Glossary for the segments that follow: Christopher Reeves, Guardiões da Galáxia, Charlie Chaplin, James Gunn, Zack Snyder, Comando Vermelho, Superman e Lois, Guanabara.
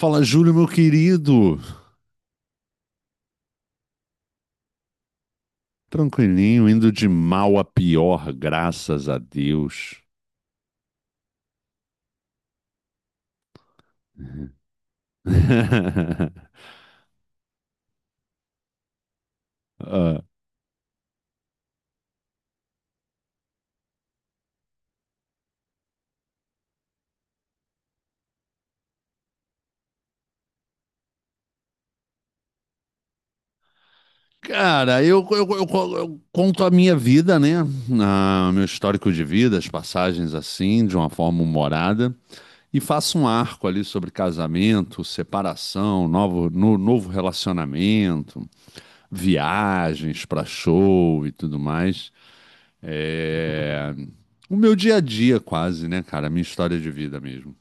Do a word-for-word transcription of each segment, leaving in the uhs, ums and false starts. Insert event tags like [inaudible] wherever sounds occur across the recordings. Fala, Júlio, meu querido. Tranquilinho, indo de mal a pior, graças a Deus. [laughs] Ah, cara, eu, eu- eu- eu conto a minha vida, né? Ah, meu histórico de vida, as passagens assim, de uma forma humorada, e faço um arco ali sobre casamento, separação, novo, no- novo relacionamento, viagens para show e tudo mais. É, O meu dia a dia, quase, né, cara? A minha história de vida mesmo.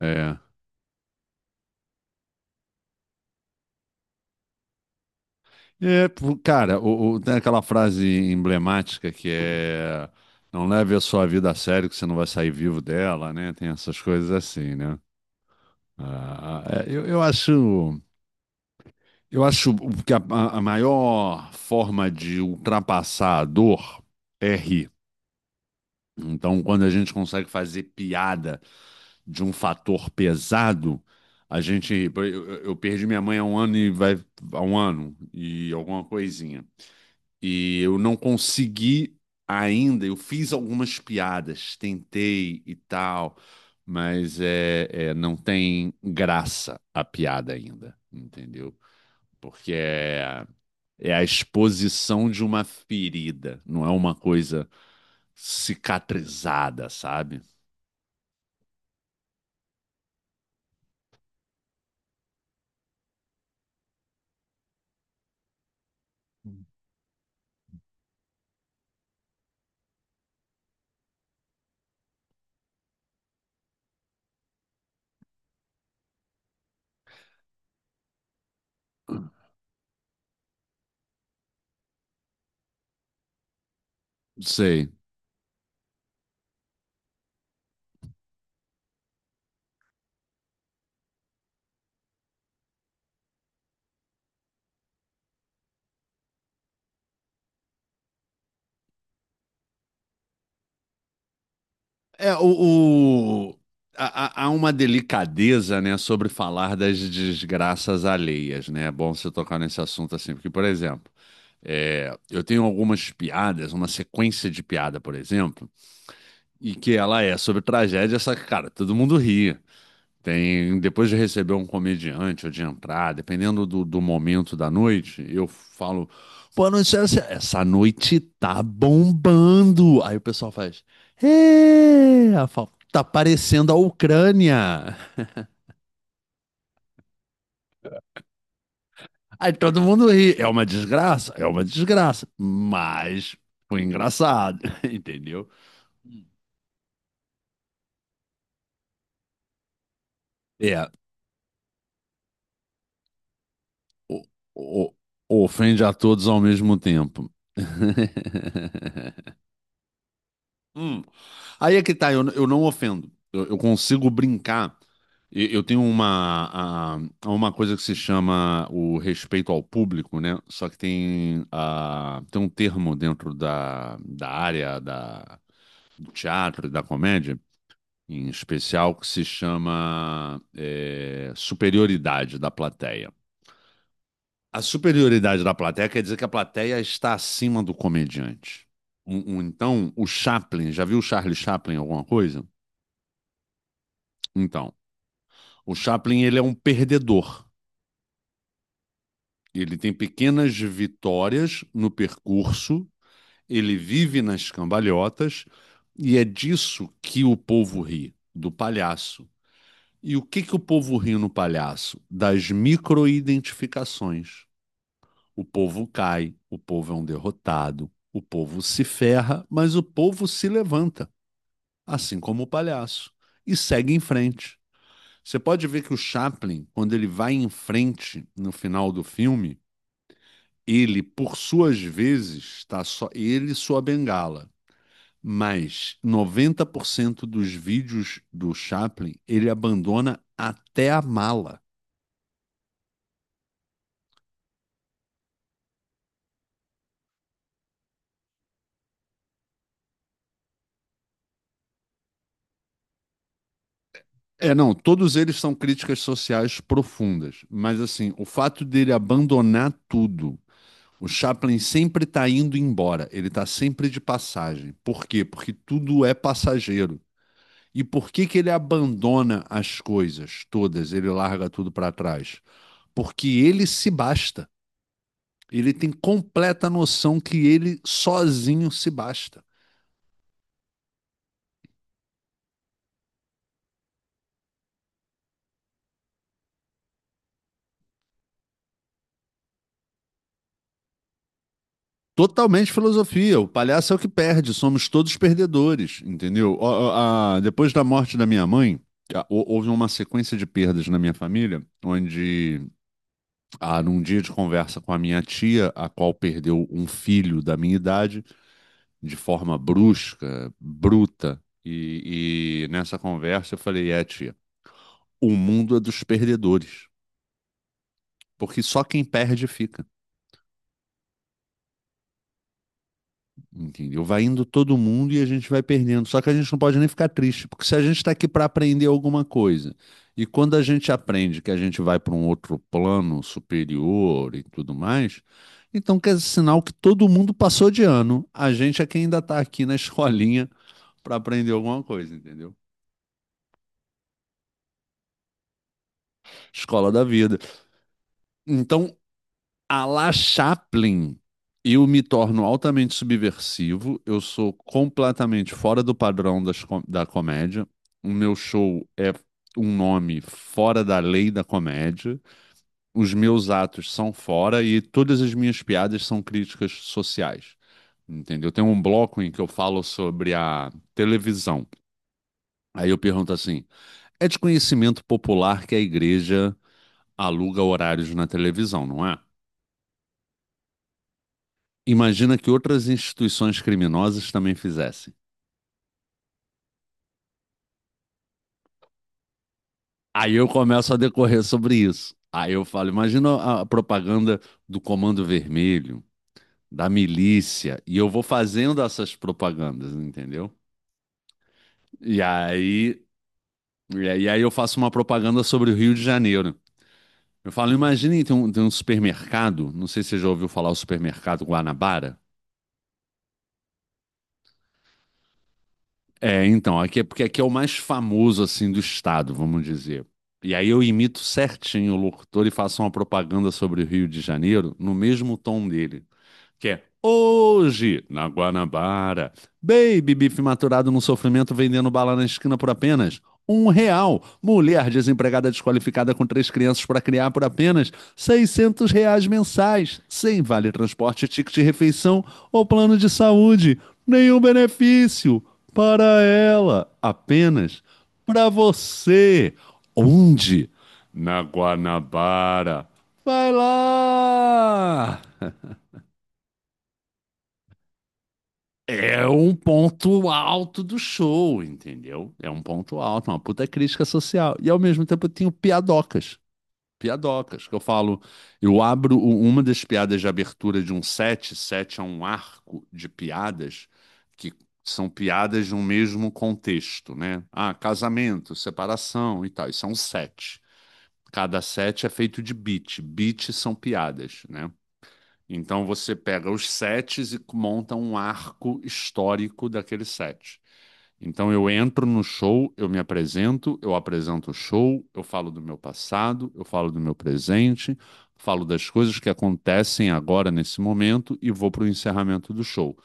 É. É. É, pô, cara, o- o- tem aquela frase emblemática que é: não leve a sua vida a sério, que você não vai sair vivo dela, né? Tem essas coisas assim, né? Ah, ah, é, eu, eu acho, eu acho que a, a- a maior forma de ultrapassar a dor é rir. Então, quando a gente consegue fazer piada de um fator pesado, a gente. Eu, eu perdi minha mãe há um ano e vai há um ano e alguma coisinha. E eu não consegui ainda, eu fiz algumas piadas, tentei e tal, mas é, é, não tem graça a piada ainda, entendeu? Porque é, é a exposição de uma ferida, não é uma coisa cicatrizada, sabe? Sei. É, o, o- há, há- há uma delicadeza, né, sobre falar das desgraças alheias, né? É bom você tocar nesse assunto assim, porque, por exemplo, é, eu tenho algumas piadas, uma sequência de piada, por exemplo, e que ela é sobre tragédia, só que, cara, todo mundo ri. Tem, depois de receber um comediante ou de entrar, dependendo do, do momento da noite, eu falo, boa noite, essa, essa noite tá bombando. Aí o pessoal faz, é, eu falo, tá parecendo a Ucrânia. Aí todo mundo ri, é uma desgraça, é uma desgraça, mas foi engraçado, [laughs] entendeu? É, o- o- ofende a todos ao mesmo tempo. [laughs] Hum. Aí é que tá, eu, eu não ofendo. Eu, eu consigo brincar. E- Eu tenho uma, a- uma coisa que se chama o respeito ao público, né? Só que tem, a, tem um termo dentro da, da área da, do teatro e da comédia, em especial, que se chama é, superioridade da plateia. A superioridade da plateia quer dizer que a plateia está acima do comediante. Um- um- então, o Chaplin, já viu o Charlie Chaplin em alguma coisa? Então, o Chaplin ele é um perdedor. Ele tem pequenas vitórias no percurso, ele vive nas cambalhotas e é disso que o povo ri, do palhaço. E o que que o povo ri no palhaço? Das microidentificações. O povo cai, o povo é um derrotado, o povo se ferra, mas o povo se levanta, assim como o palhaço, e segue em frente. Você pode ver que o Chaplin, quando ele vai em frente no final do filme, ele, por suas vezes, está só ele e sua bengala. Mas noventa por cento dos vídeos do Chaplin, ele abandona até a mala. É, não, todos eles são críticas sociais profundas, mas assim, o fato dele abandonar tudo, o Chaplin sempre está indo embora, ele está sempre de passagem. Por quê? Porque tudo é passageiro. E por que que ele abandona as coisas todas? Ele larga tudo para trás? Porque ele se basta. Ele tem completa noção que ele sozinho se basta. Totalmente filosofia. O palhaço é o que perde. Somos todos perdedores, entendeu? A- a- a- depois da morte da minha mãe, houve uma sequência de perdas na minha família, onde, ah, num dia de conversa com a minha tia, a qual perdeu um filho da minha idade, de forma brusca, bruta. E, e nessa conversa eu falei, é, tia, o mundo é dos perdedores. Porque só quem perde fica. Entendeu? Vai indo todo mundo e a gente vai perdendo. Só que a gente não pode nem ficar triste, porque se a gente está aqui para aprender alguma coisa, e quando a gente aprende que a gente vai para um outro plano superior e tudo mais, então quer dizer, sinal que todo mundo passou de ano. A gente é quem ainda está aqui na [laughs] escolinha para aprender alguma coisa, entendeu? Escola da vida. Então, a la Chaplin. Eu me torno altamente subversivo, eu sou completamente fora do padrão das com- da comédia. O meu show é um nome fora da lei da comédia. Os meus atos são fora e todas as minhas piadas são críticas sociais. Entendeu? Tem um bloco em que eu falo sobre a televisão. Aí eu pergunto assim: é de conhecimento popular que a igreja aluga horários na televisão, não é? Imagina que outras instituições criminosas também fizessem. Aí eu começo a decorrer sobre isso. Aí eu falo, imagina a a propaganda do Comando Vermelho, da milícia, e eu vou fazendo essas propagandas, entendeu? E aí, e aí e aí eu faço uma propaganda sobre o Rio de Janeiro. Eu falo, imagine tem um, tem um supermercado, não sei se você já ouviu falar o supermercado Guanabara. É, então, aqui é porque aqui é o mais famoso assim do estado, vamos dizer. E aí eu imito certinho o locutor e faço uma propaganda sobre o Rio de Janeiro no mesmo tom dele que é hoje, na Guanabara. Baby bife maturado no sofrimento vendendo bala na esquina por apenas um real. Mulher desempregada desqualificada com três crianças para criar por apenas seiscentos reais mensais, sem vale transporte, ticket de refeição ou plano de saúde. Nenhum benefício para ela, apenas para você. Onde? Na Guanabara. Vai lá! É um ponto alto do show, entendeu? É um ponto alto, é uma puta crítica social. E ao mesmo tempo eu tenho piadocas, piadocas, que eu falo, eu abro u- uma das piadas de abertura de um set, set é um arco de piadas que são piadas de um mesmo contexto, né? Ah, casamento, separação e tal, isso é um set. Cada set é feito de beat, beat são piadas, né? Então você pega os sets e monta um arco histórico daquele set. Então eu entro no show, eu me apresento, eu apresento o show, eu falo do meu passado, eu falo do meu presente, falo das coisas que acontecem agora nesse momento e vou para o encerramento do show.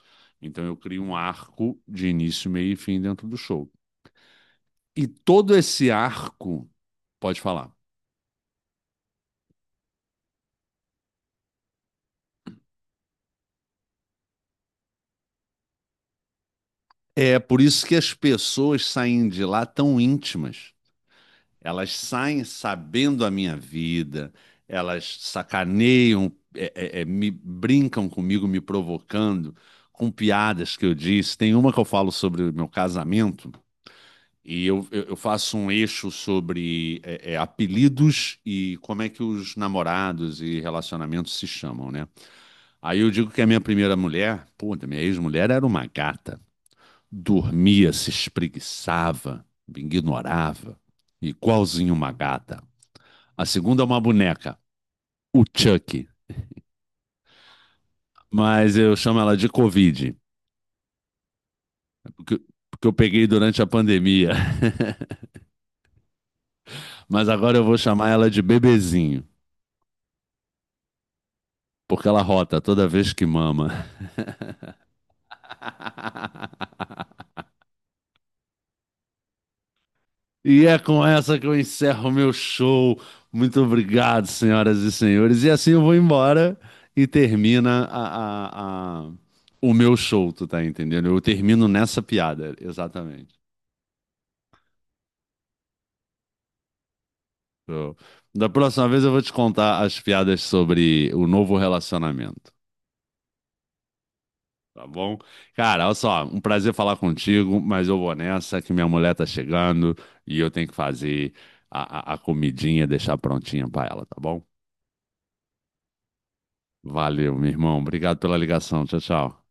Então eu crio um arco de início, meio e fim dentro do show. E todo esse arco, pode falar. É por isso que as pessoas saem de lá tão íntimas. Elas saem sabendo a minha vida, elas sacaneiam, é, é, é, me brincam comigo, me provocando com piadas que eu disse. Tem uma que eu falo sobre o meu casamento e eu, eu, eu faço um eixo sobre é, é, apelidos e como é que os namorados e relacionamentos se chamam, né? Aí eu digo que a minha primeira mulher, puta, minha ex-mulher era uma gata. Dormia, se espreguiçava, me ignorava, igualzinho uma gata. A segunda é uma boneca, o Chuck. Mas eu chamo ela de Covid, porque, porque eu peguei durante a pandemia. [laughs] Mas agora eu vou chamar ela de bebezinho, porque ela rota toda vez que mama. [laughs] E é com essa que eu encerro o meu show. Muito obrigado, senhoras e senhores. E assim eu vou embora e termina a- a- a- o meu show, tu tá entendendo? Eu termino nessa piada, exatamente. Show. Da próxima vez eu vou te contar as piadas sobre o novo relacionamento, tá bom? Cara, olha só, um prazer falar contigo, mas eu vou nessa que minha mulher tá chegando e eu tenho que fazer a, a, a comidinha, deixar prontinha pra ela, tá bom? Valeu, meu irmão. Obrigado pela ligação. Tchau, tchau.